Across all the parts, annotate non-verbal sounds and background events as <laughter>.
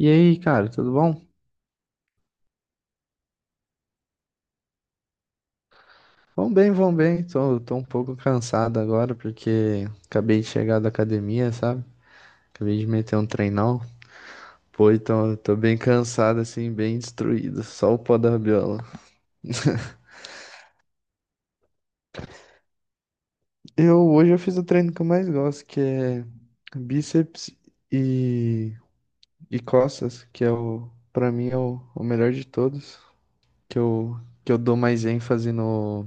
E aí, cara, tudo bom? Vão bem, vão bem. Tô um pouco cansado agora porque acabei de chegar da academia, sabe? Acabei de meter um treinão. Pô, então tô bem cansado, assim, bem destruído. Só o pó da rabiola. <laughs> Eu hoje eu fiz o treino que eu mais gosto, que é bíceps e, e costas, que é pra mim é o melhor de todos, que eu, que eu dou mais ênfase no,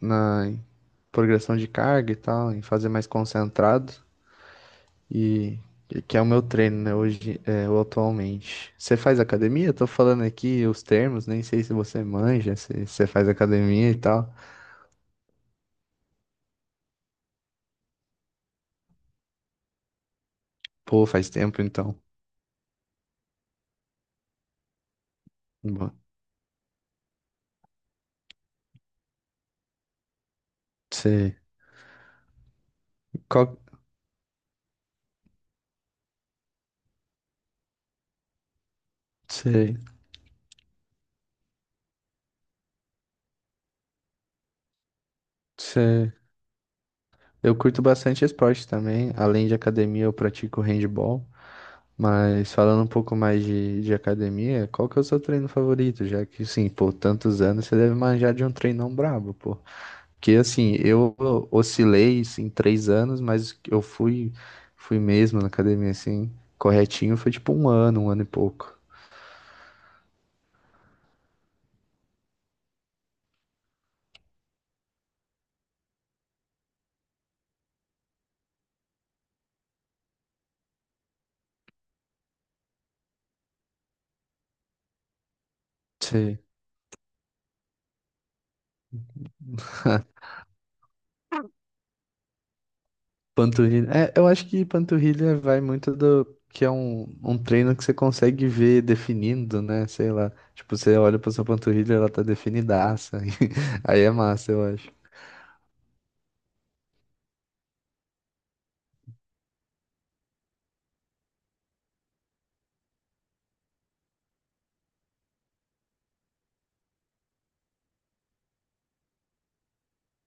na progressão de carga e tal, em fazer mais concentrado. E que é o meu treino, né, hoje, é, ou atualmente. Você faz academia? Eu tô falando aqui os termos, nem sei se você manja, se você faz academia e tal. Pô, faz tempo então. Bom, Você, qual, você, você... Eu curto bastante esporte também. Além de academia, eu pratico handball. Mas falando um pouco mais de academia, qual que é o seu treino favorito? Já que, sim, pô, tantos anos, você deve manjar de um treinão brabo, pô. Que assim, eu oscilei assim, em três anos, mas eu fui mesmo na academia, assim, corretinho, foi tipo um ano e pouco. Sim. Panturrilha. É, eu acho que panturrilha vai muito do que é um treino que você consegue ver definindo, né? Sei lá. Tipo, você olha pra sua panturrilha, ela tá definidaça. <laughs> Aí é massa, eu acho.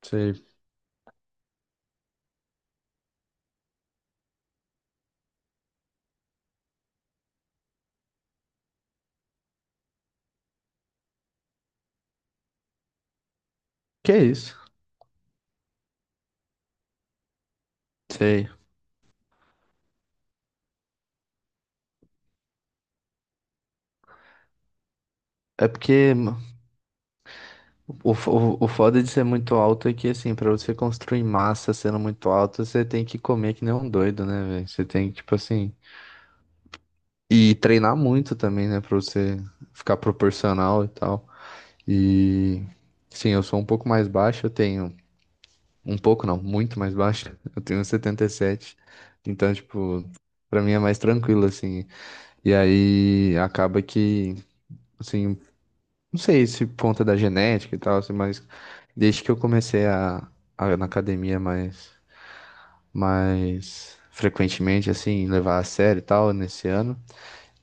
Sei. Que é isso? Sei. É porque o foda de ser muito alto é que, assim, pra você construir massa sendo muito alto, você tem que comer que nem um doido, né, velho? Você tem que, tipo assim. E treinar muito também, né, pra você ficar proporcional e tal. E. Sim, eu sou um pouco mais baixo, eu tenho. Um pouco não, muito mais baixo. <laughs> Eu tenho 77. Então, tipo, pra mim é mais tranquilo, assim. E aí acaba que. Assim, não sei se ponta da genética e tal, assim, mas desde que eu comecei a ir na academia mais frequentemente, assim, levar a sério e tal, nesse ano,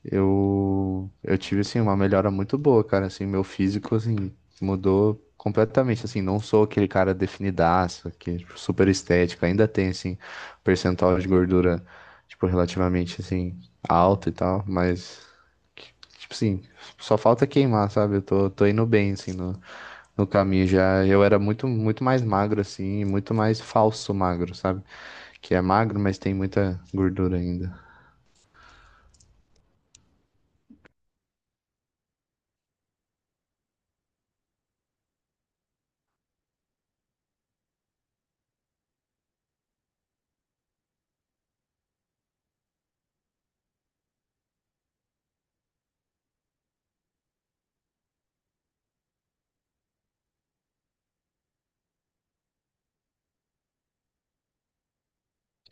eu tive, assim, uma melhora muito boa, cara, assim, meu físico, assim, mudou completamente, assim, não sou aquele cara definidaço, que, tipo, super estético, ainda tem, assim, percentual de gordura, tipo, relativamente, assim, alto e tal, mas, que- tipo assim, só falta queimar, sabe, eu tô indo bem, assim, no, no caminho já, eu era muito, muito mais magro, assim, e muito mais falso magro, sabe, que é magro, mas tem muita gordura ainda.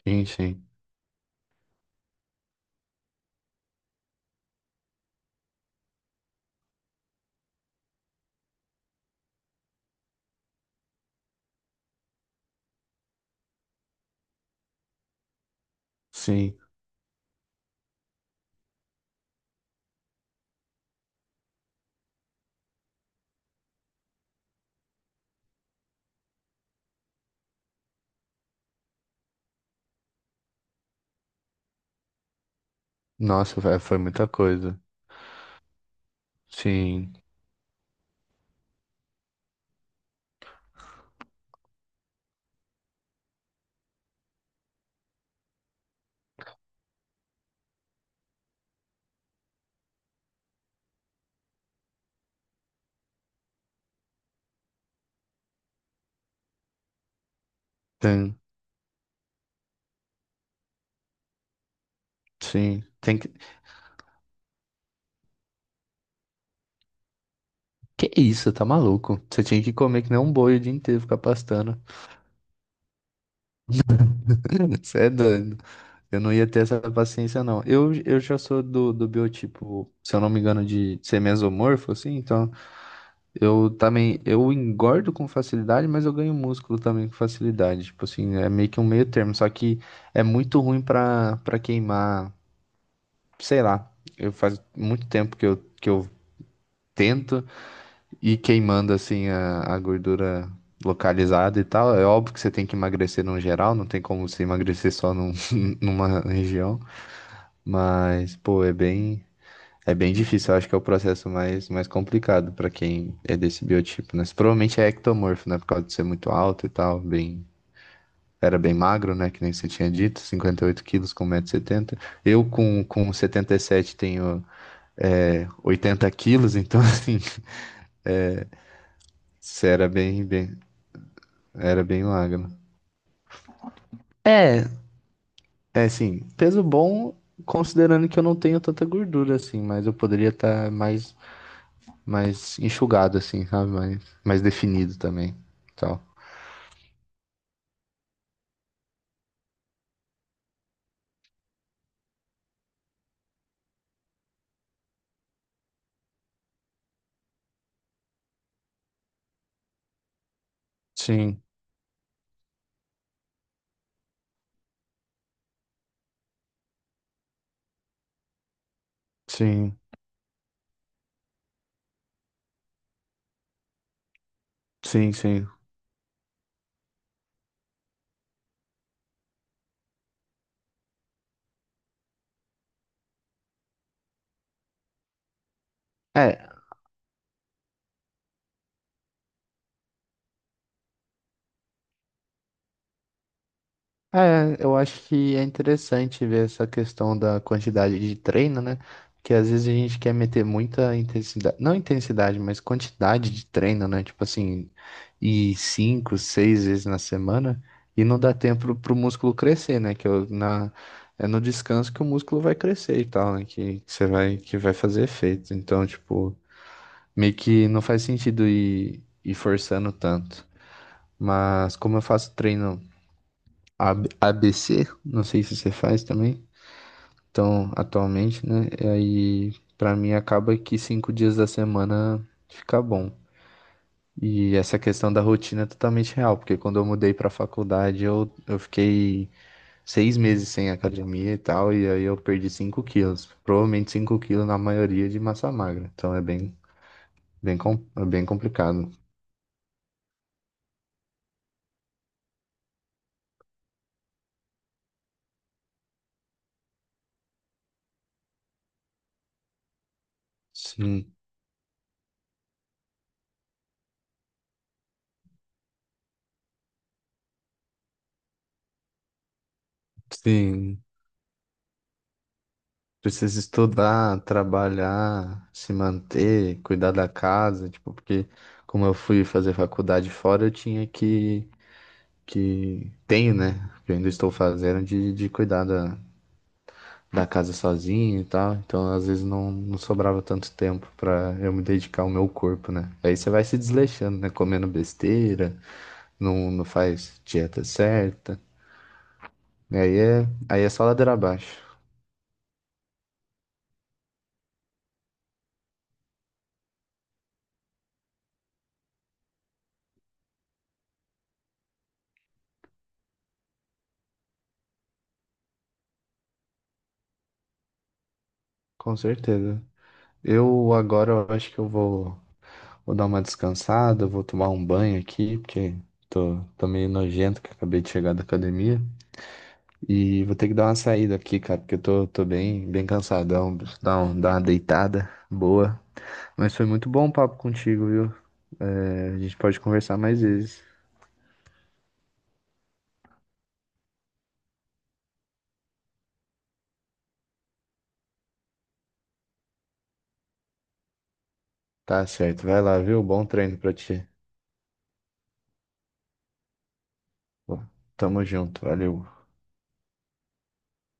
Sim, sim. Sim. Nossa, foi muita coisa. Sim, tem, sim. Tem que... Que isso, tá maluco? Você tinha que comer que nem um boi o dia inteiro, ficar pastando. <laughs> Você é doido. Eu não ia ter essa paciência, não. Eu já sou do biotipo, se eu não me engano, de ser mesomorfo, assim. Então, eu também, eu engordo com facilidade, mas eu ganho músculo também com facilidade. Tipo assim, é meio que um meio termo. Só que é muito ruim pra queimar, sei lá. Eu faz muito tempo que eu tento. E queimando assim a gordura localizada e tal, é óbvio que você tem que emagrecer no geral, não tem como você emagrecer só num, <laughs> numa região, mas pô, é bem difícil, eu acho que é o processo mais mais complicado pra quem é desse biotipo, né? Você provavelmente é ectomorfo, né, por causa de ser muito alto e tal, bem era bem magro, né? Que nem você tinha dito, 58 quilos com 170 setenta. Eu, com 77, tenho é, 80 quilos, então, <laughs> assim, você era bem, bem, era bem magro. É, é assim, peso bom, considerando que eu não tenho tanta gordura assim, mas eu poderia estar mais, mais enxugado assim, sabe? Mais, mais definido também, tal. Sim, sim, sim, sim. É, é, eu acho que é interessante ver essa questão da quantidade de treino, né? Porque às vezes a gente quer meter muita intensidade, não intensidade, mas quantidade de treino, né? Tipo assim, e 5, 6 vezes na semana, e não dá tempo pro músculo crescer, né? Na, é no descanso que o músculo vai crescer e tal, né? Que você vai, que vai fazer efeito. Então, tipo, meio que não faz sentido ir, ir forçando tanto. Mas como eu faço treino. A- ABC, não sei se você faz também. Então, atualmente, né? E aí, pra mim, acaba que 5 dias da semana fica bom. E essa questão da rotina é totalmente real, porque quando eu mudei pra faculdade, eu fiquei 6 meses sem academia e tal, e aí eu perdi 5 quilos. Provavelmente 5 quilos na maioria de massa magra. Então, é bem, bem, é bem complicado. Sim, sim. Precisa estudar, trabalhar, se manter, cuidar da casa, tipo, porque como eu fui fazer faculdade fora, eu tinha que tenho, né? Que eu ainda estou fazendo de cuidar da casa sozinho e tal. Então, às vezes não, não sobrava tanto tempo para eu me dedicar ao meu corpo, né? Aí você vai se desleixando, né? Comendo besteira, não, não faz dieta certa. Aí é, aí é só ladeira abaixo. Com certeza. Eu agora eu acho que eu vou dar uma descansada, vou tomar um banho aqui, porque tô meio nojento que eu acabei de chegar da academia. E vou ter que dar uma saída aqui, cara, porque eu tô bem, bem cansadão. Preciso dar, um, dar uma deitada boa. Mas foi muito bom o papo contigo, viu? É, a gente pode conversar mais vezes. Tá certo, vai lá, viu? Bom treino pra ti. Bom, tamo junto, valeu.